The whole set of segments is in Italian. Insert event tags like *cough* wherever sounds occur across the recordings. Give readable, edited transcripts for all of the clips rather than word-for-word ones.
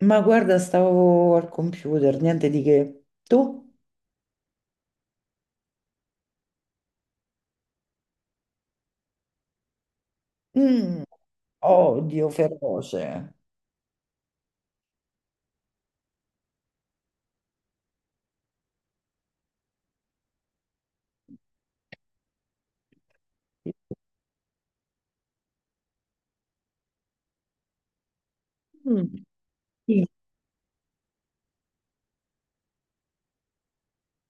Ma guarda, stavo al computer, niente di che. Tu? Mm, odio feroce. Mm, sì.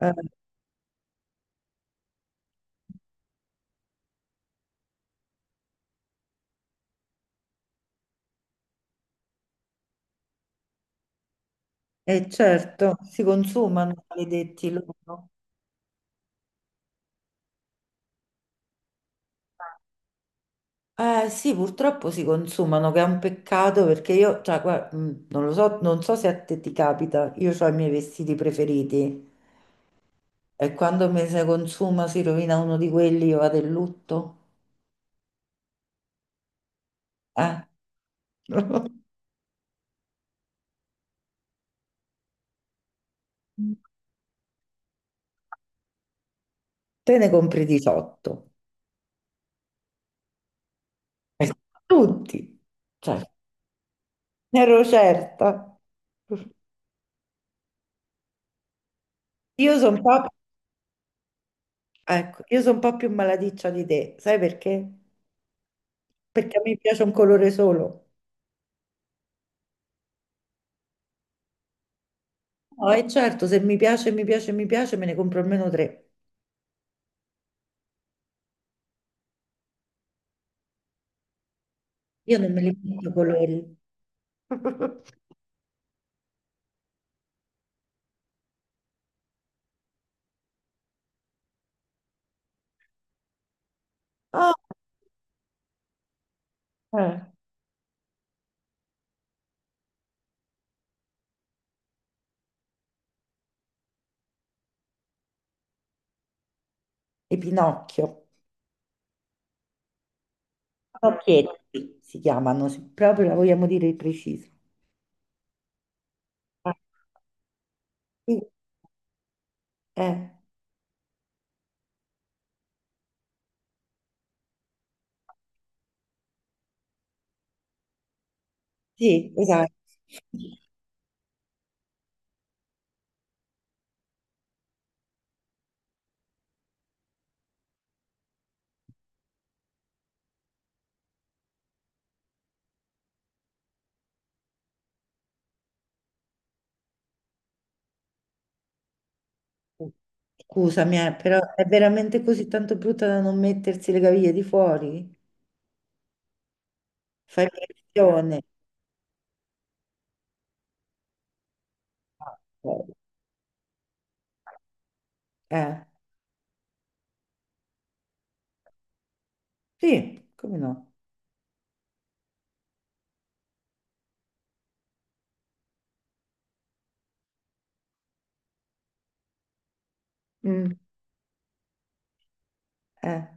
Eh, certo, si consumano, maledetti loro. Eh sì, purtroppo si consumano, che è un peccato perché io, cioè, non lo so, non so se a te ti capita, io ho i miei vestiti preferiti e quando mi si consuma, si rovina uno di quelli, io vado in lutto. Eh? *laughs* Te ne compri 18. Eh, Tutti, Cioè, ne ero certa. Io sono un po', ecco, io sono un po' più malaticcia di te, sai perché? Perché a me piace un colore solo. No, e certo, se mi piace, mi piace, mi piace, me ne compro almeno tre. Io non me li metto i colori. *laughs* Ah, eh, E Pinocchio. Pinocchietti si chiamano, se proprio la vogliamo dire precisa. Ah, sì, Eh, sì, esatto. Scusami, però è veramente così tanto brutta da non mettersi le caviglie di fuori? Fai pressione. Ah, ok. Eh, sì, come no? Mm, eh,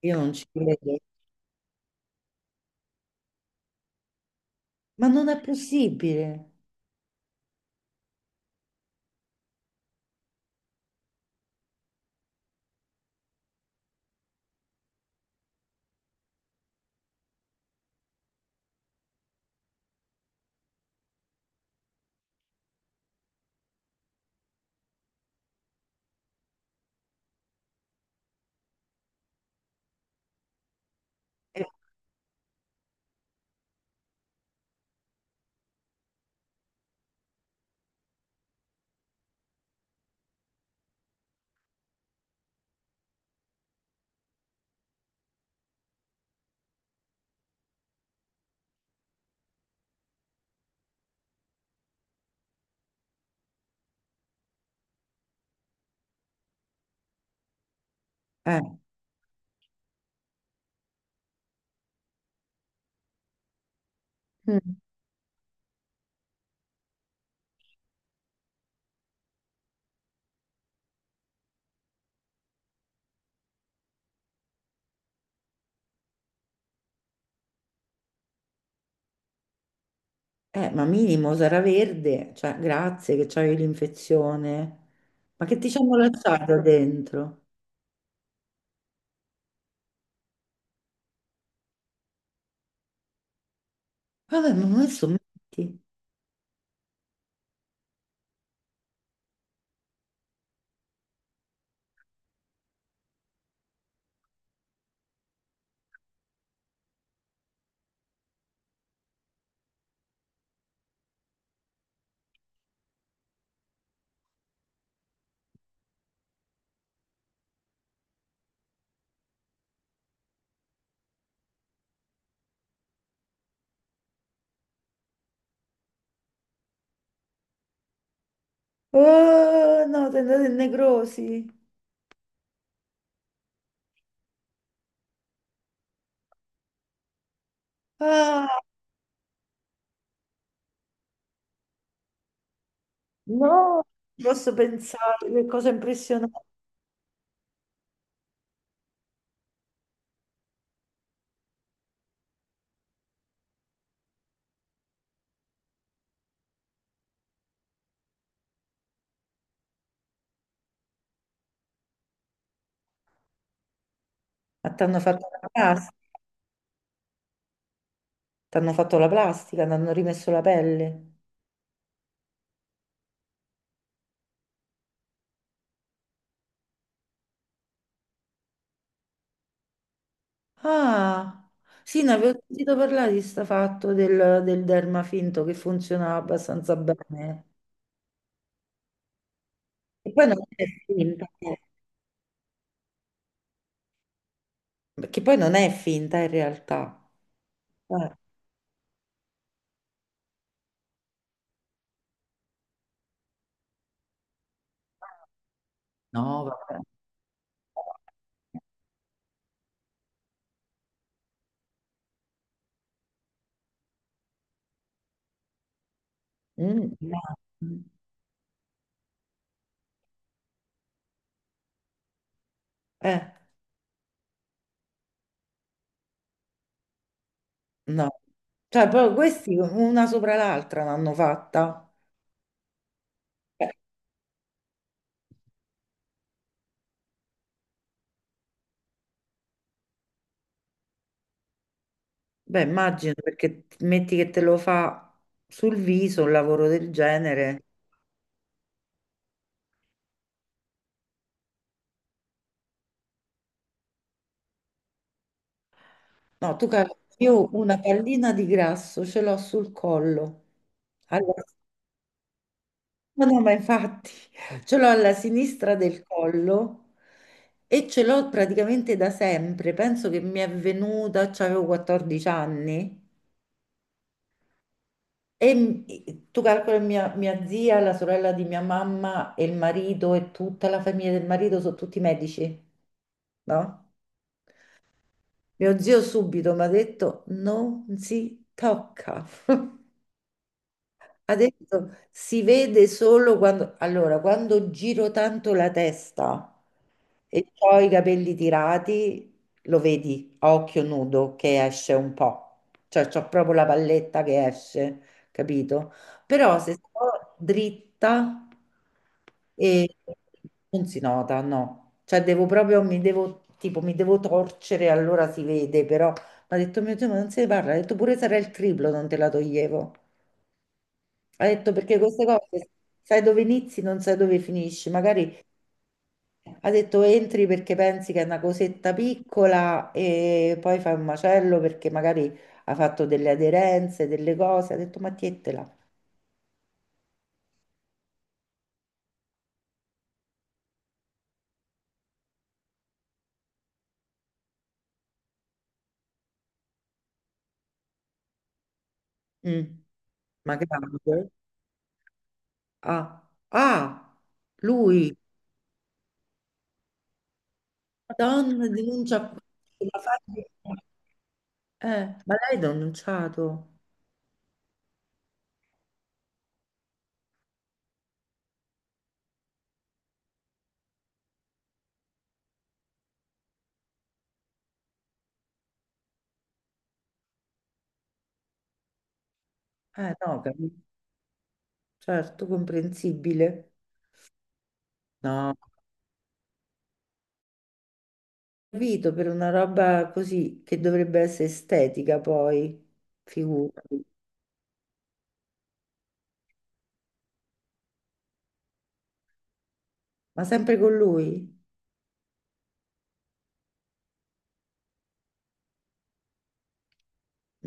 io non ci credo. Ma non è possibile. Eh, eh, mm. Ma minimo sarà verde. Cioè, grazie che c'hai l'infezione. Ma che ti ci hanno lasciato dentro? Vabbè, ma adesso metti. Oh, no, sei andato in necrosi. Ah! No, posso pensare, che cosa impressionante. Ma ti hanno fatto la plastica, t'hanno fatto la plastica, ti hanno rimesso la pelle. Ah, sì, ne avevo sentito parlare di sta fatto del derma finto che funzionava abbastanza bene. E poi non è finta, eh. Perché poi non è finta in realtà. Eh, No, vabbè. Mm, no. Eh, no. Cioè, proprio questi una sopra l'altra l'hanno fatta. Eh, Beh, immagino perché t- metti che te lo fa sul viso un lavoro del genere. No, tu calcoli, io una pallina di grasso ce l'ho sul collo. Allora, no, no, ma infatti ce l'ho alla sinistra del collo e ce l'ho praticamente da sempre. Penso che mi è venuta, avevo 14 anni. E m- tu calcoli mia zia, la sorella di mia mamma e il marito e tutta la famiglia del marito sono tutti medici, no? Mio zio subito mi ha detto non si tocca. *laughs* Adesso si vede solo quando, allora, quando giro tanto la testa e ho i capelli tirati, lo vedi a occhio nudo che esce un po', cioè c'ho proprio la palletta che esce, capito? Però se sto dritta e non si nota, no. Cioè devo proprio, mi devo, tipo, mi devo torcere, allora si vede, però mi ha detto mio Dio, ma non se ne parla, ha detto pure sarà il triplo, non te la toglievo. Ha detto perché queste cose sai dove inizi, non sai dove finisci. Magari ha detto entri perché pensi che è una cosetta piccola e poi fai un macello perché magari ha fatto delle aderenze, delle cose. Ha detto ma tientela. Mm, ma grave. Ah, ah, lui, Madonna, denuncia sulla faccia. Ma lei ha denunciato? Eh, no, capi- certo, comprensibile. No. Servito per una roba così che dovrebbe essere estetica poi, figurati. Ma sempre con lui?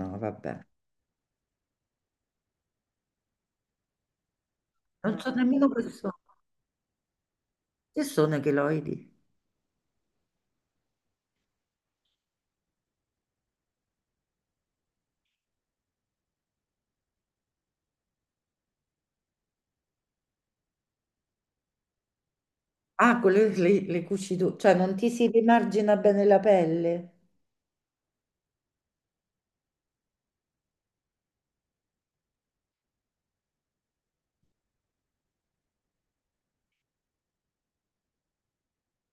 No, vabbè. Non so nemmeno persone. Che sono i cheloidi? Ah, con le cucito, cioè non ti si rimargina bene la pelle.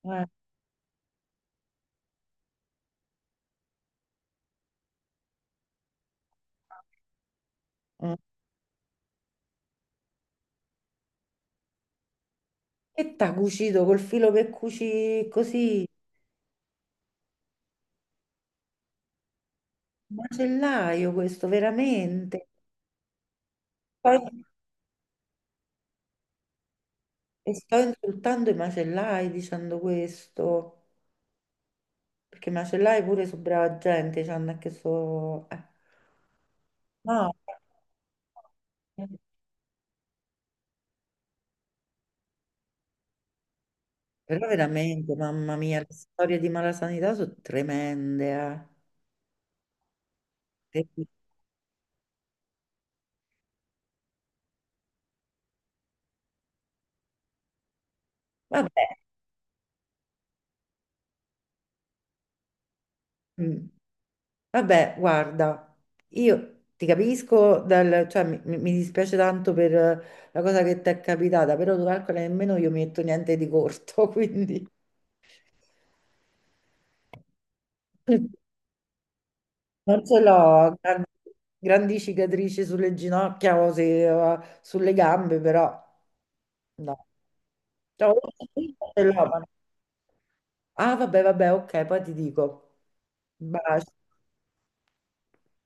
Eh, eh. Che t'ha cucito col filo per cuci così? Macellaio questo, veramente. Poi, e sto insultando i macellai dicendo questo. Perché macellai pure su brava gente, cioè non è che so.... No, però veramente, mamma mia, le storie di malasanità sono tremende. Eh. Vabbè, mm, vabbè, guarda, io ti capisco, cioè, mi dispiace tanto per la cosa che ti è capitata, però tu calcola che nemmeno io mi metto niente di corto, *laughs* quindi... Non ce l'ho, grandi cicatrici sulle ginocchia o sulle gambe, però no. Cioè, io ce l'ho, ma- Ah, vabbè, vabbè, ok, poi ti dico. Baci.